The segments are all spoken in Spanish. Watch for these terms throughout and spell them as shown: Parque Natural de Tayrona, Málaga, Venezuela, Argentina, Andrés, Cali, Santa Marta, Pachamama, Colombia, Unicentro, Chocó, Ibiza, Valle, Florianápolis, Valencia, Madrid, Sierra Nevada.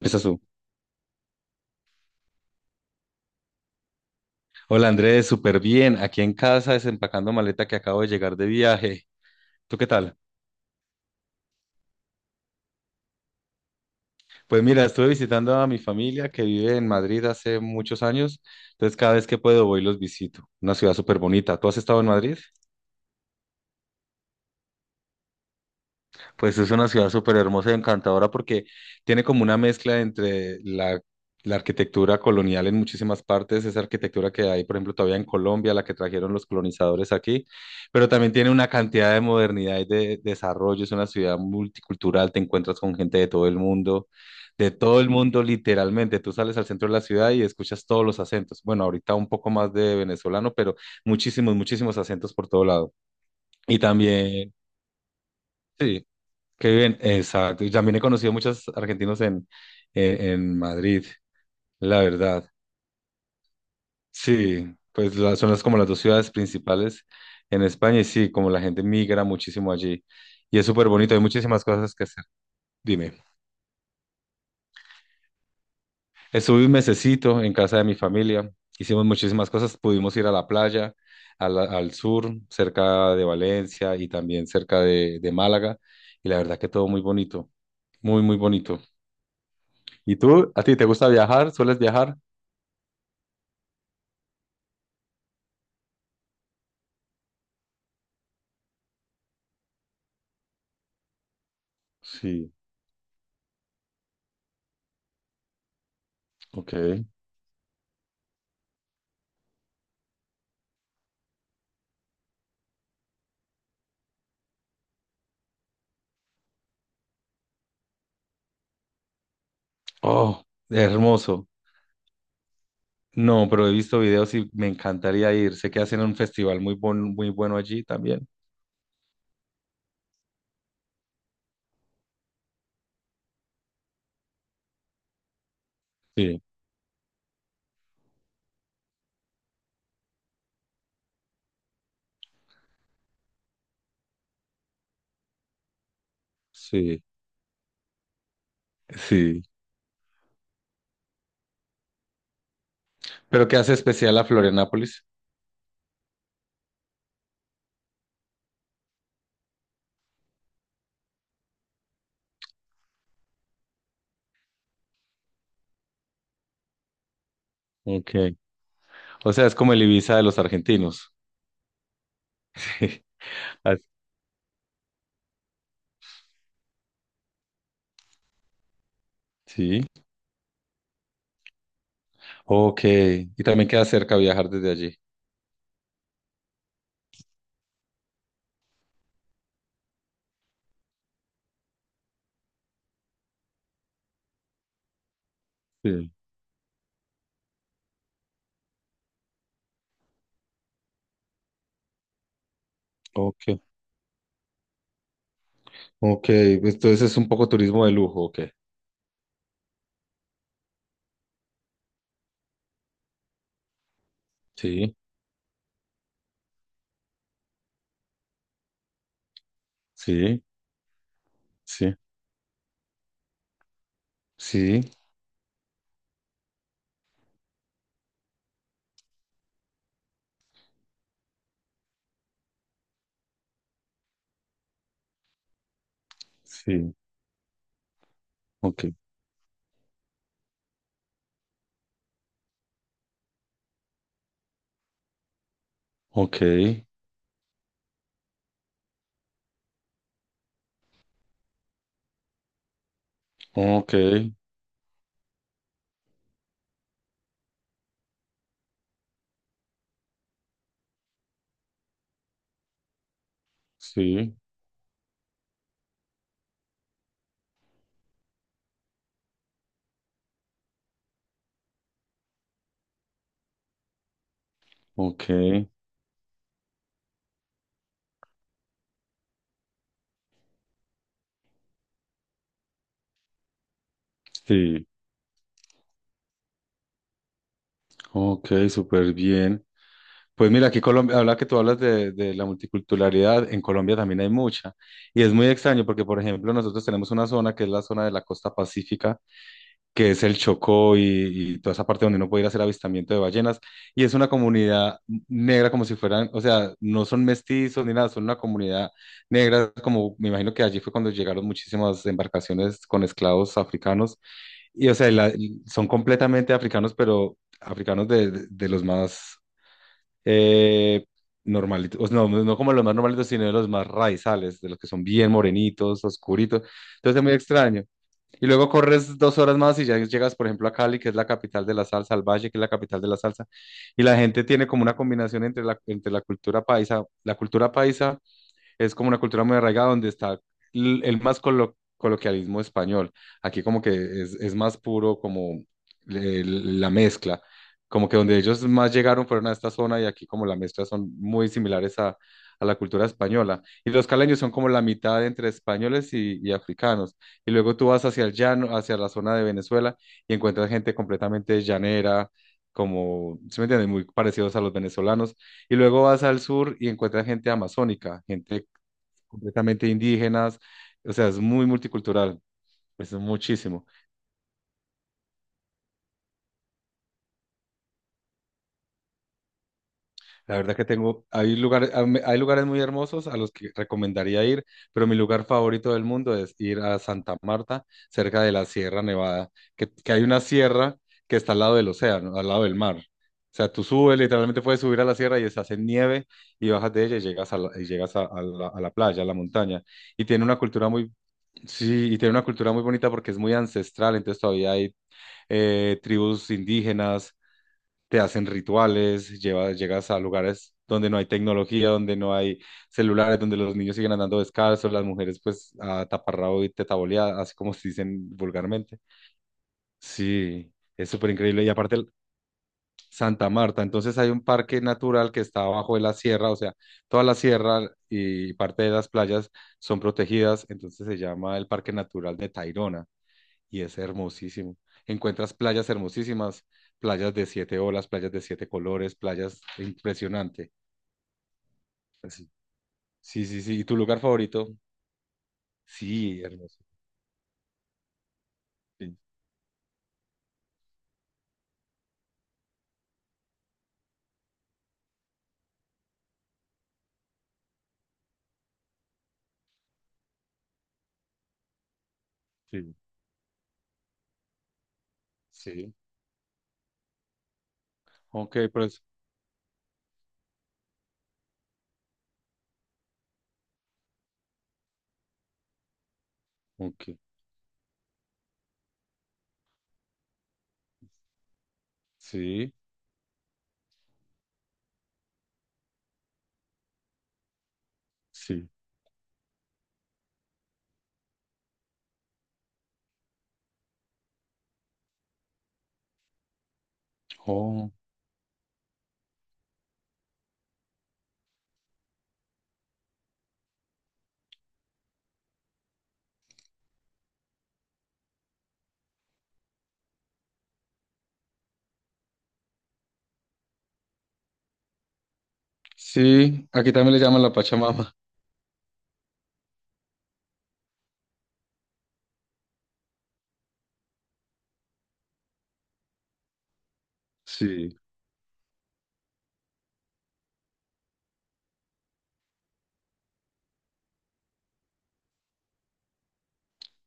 Empiezas tú. Hola Andrés, súper bien. Aquí en casa desempacando maleta que acabo de llegar de viaje. ¿Tú qué tal? Pues mira, estuve visitando a mi familia que vive en Madrid hace muchos años. Entonces cada vez que puedo voy y los visito. Una ciudad súper bonita. ¿Tú has estado en Madrid? Pues es una ciudad súper hermosa y encantadora porque tiene como una mezcla entre la arquitectura colonial en muchísimas partes, esa arquitectura que hay, por ejemplo, todavía en Colombia, la que trajeron los colonizadores aquí, pero también tiene una cantidad de modernidad y de desarrollo. Es una ciudad multicultural, te encuentras con gente de todo el mundo, de todo el mundo literalmente. Tú sales al centro de la ciudad y escuchas todos los acentos. Bueno, ahorita un poco más de venezolano, pero muchísimos, muchísimos acentos por todo lado. Y también... Sí. Qué bien, exacto. Y también he conocido muchos argentinos en, en Madrid, la verdad. Sí, pues son las, como las dos ciudades principales en España y sí, como la gente migra muchísimo allí. Y es súper bonito, hay muchísimas cosas que hacer. Dime, estuve un mesecito en casa de mi familia, hicimos muchísimas cosas, pudimos ir a la playa, al sur, cerca de Valencia y también cerca de Málaga. Y la verdad que todo muy bonito, muy, muy bonito. ¿Y tú? ¿A ti te gusta viajar? ¿Sueles viajar? Sí, ok. Oh, hermoso. No, pero he visto videos y me encantaría ir. Sé que hacen un festival muy bueno allí también. Sí, sí, sí. Pero ¿qué hace especial a Florianápolis? Ok. O sea, es como el Ibiza de los argentinos. Ah, sí, ok. Y también queda cerca viajar desde allí. Sí, ok. Ok. Entonces es un poco turismo de lujo, ok. Sí, sí, sí, sí, sí. Ok, ok, ok. Sí, ok, sí, ok, súper bien. Pues mira, aquí Colombia, habla que tú hablas de la multiculturalidad, en Colombia también hay mucha. Y es muy extraño porque, por ejemplo, nosotros tenemos una zona que es la zona de la costa pacífica, que es el Chocó y toda esa parte donde uno puede ir a hacer avistamiento de ballenas. Y es una comunidad negra como si fueran, o sea, no son mestizos ni nada, son una comunidad negra, como me imagino que allí fue cuando llegaron muchísimas embarcaciones con esclavos africanos. Y o sea, son completamente africanos, pero africanos de, de los más eh, normalitos, o sea, no, no como los más normalitos, sino de los más raizales, de los que son bien morenitos, oscuritos. Entonces es muy extraño. Y luego corres dos horas más y ya llegas, por ejemplo, a Cali, que es la capital de la salsa, al Valle, que es la capital de la salsa. Y la gente tiene como una combinación entre la cultura paisa. La cultura paisa es como una cultura muy arraigada donde está el más coloquialismo español. Aquí como que es más puro como la mezcla, como que donde ellos más llegaron fueron a esta zona y aquí como la mezcla son muy similares a la cultura española. Y los caleños son como la mitad entre españoles y africanos. Y luego tú vas hacia el llano, hacia la zona de Venezuela y encuentras gente completamente llanera. Como, ¿sí me entiendes? Muy parecidos a los venezolanos. Y luego vas al sur y encuentras gente amazónica, gente completamente indígenas, o sea, es muy multicultural, es muchísimo. La verdad que hay lugares muy hermosos a los que recomendaría ir, pero mi lugar favorito del mundo es ir a Santa Marta, cerca de la Sierra Nevada, que hay una sierra que está al lado del océano, al lado del mar. O sea, tú subes, literalmente puedes subir a la sierra y estás en nieve y bajas de ella y llegas a la, y llegas a la playa, a la montaña. Y tiene una cultura muy, sí, y tiene una cultura muy bonita porque es muy ancestral, entonces todavía hay tribus indígenas, te hacen rituales, llevas, llegas a lugares donde no hay tecnología, donde no hay celulares, donde los niños siguen andando descalzos, las mujeres pues a taparrabo y tetaboleada, así como se dicen vulgarmente. Sí, es súper increíble. Y aparte Santa Marta, entonces hay un parque natural que está abajo de la sierra, o sea, toda la sierra y parte de las playas son protegidas, entonces se llama el Parque Natural de Tayrona y es hermosísimo. Encuentras playas hermosísimas, playas de siete olas, playas de siete colores, playas impresionante. Así. Sí, sí, sí. ¿Y tu lugar favorito? Sí, hermoso. Sí, sí, sí. Ok, pues. Ok. Sí, sí. Oh, sí. Aquí también le llaman la Pachamama. Sí.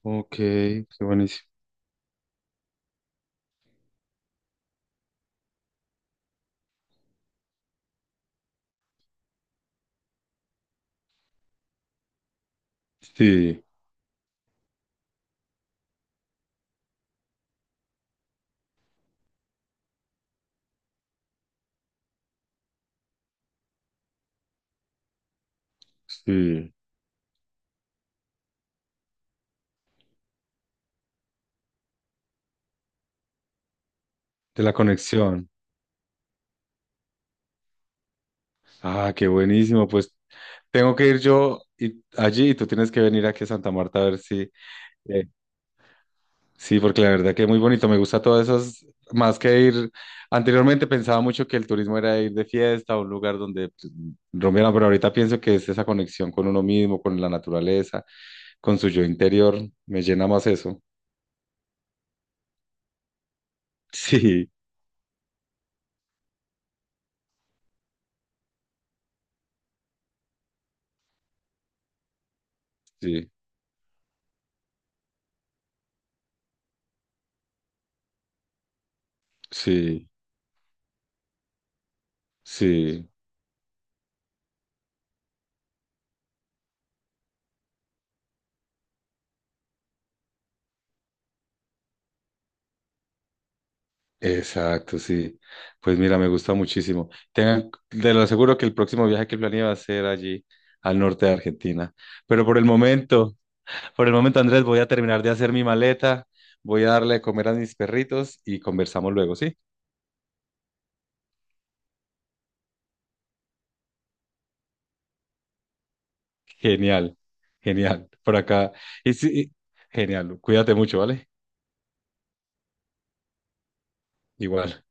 Ok, qué buenísimo. Sí, sí. De la conexión. Ah, qué buenísimo. Pues tengo que ir yo allí y tú tienes que venir aquí a Santa Marta a ver si. eh, Sí, porque la verdad que es muy bonito, me gusta todas esas, más que ir, anteriormente pensaba mucho que el turismo era ir de fiesta a un lugar donde pues, rompieran, pero ahorita pienso que es esa conexión con uno mismo, con la naturaleza, con su yo interior, me llena más eso. Sí, sí, sí, sí, exacto, sí. Pues mira, me gusta muchísimo. Te lo aseguro que el próximo viaje que planeé va a ser allí, al norte de Argentina, pero por el momento... Andrés, voy a terminar de hacer mi maleta, voy a darle de comer a mis perritos y conversamos luego, ¿sí? Genial, genial. Por acá. Y sí, genial. Cuídate mucho, ¿vale? Igual.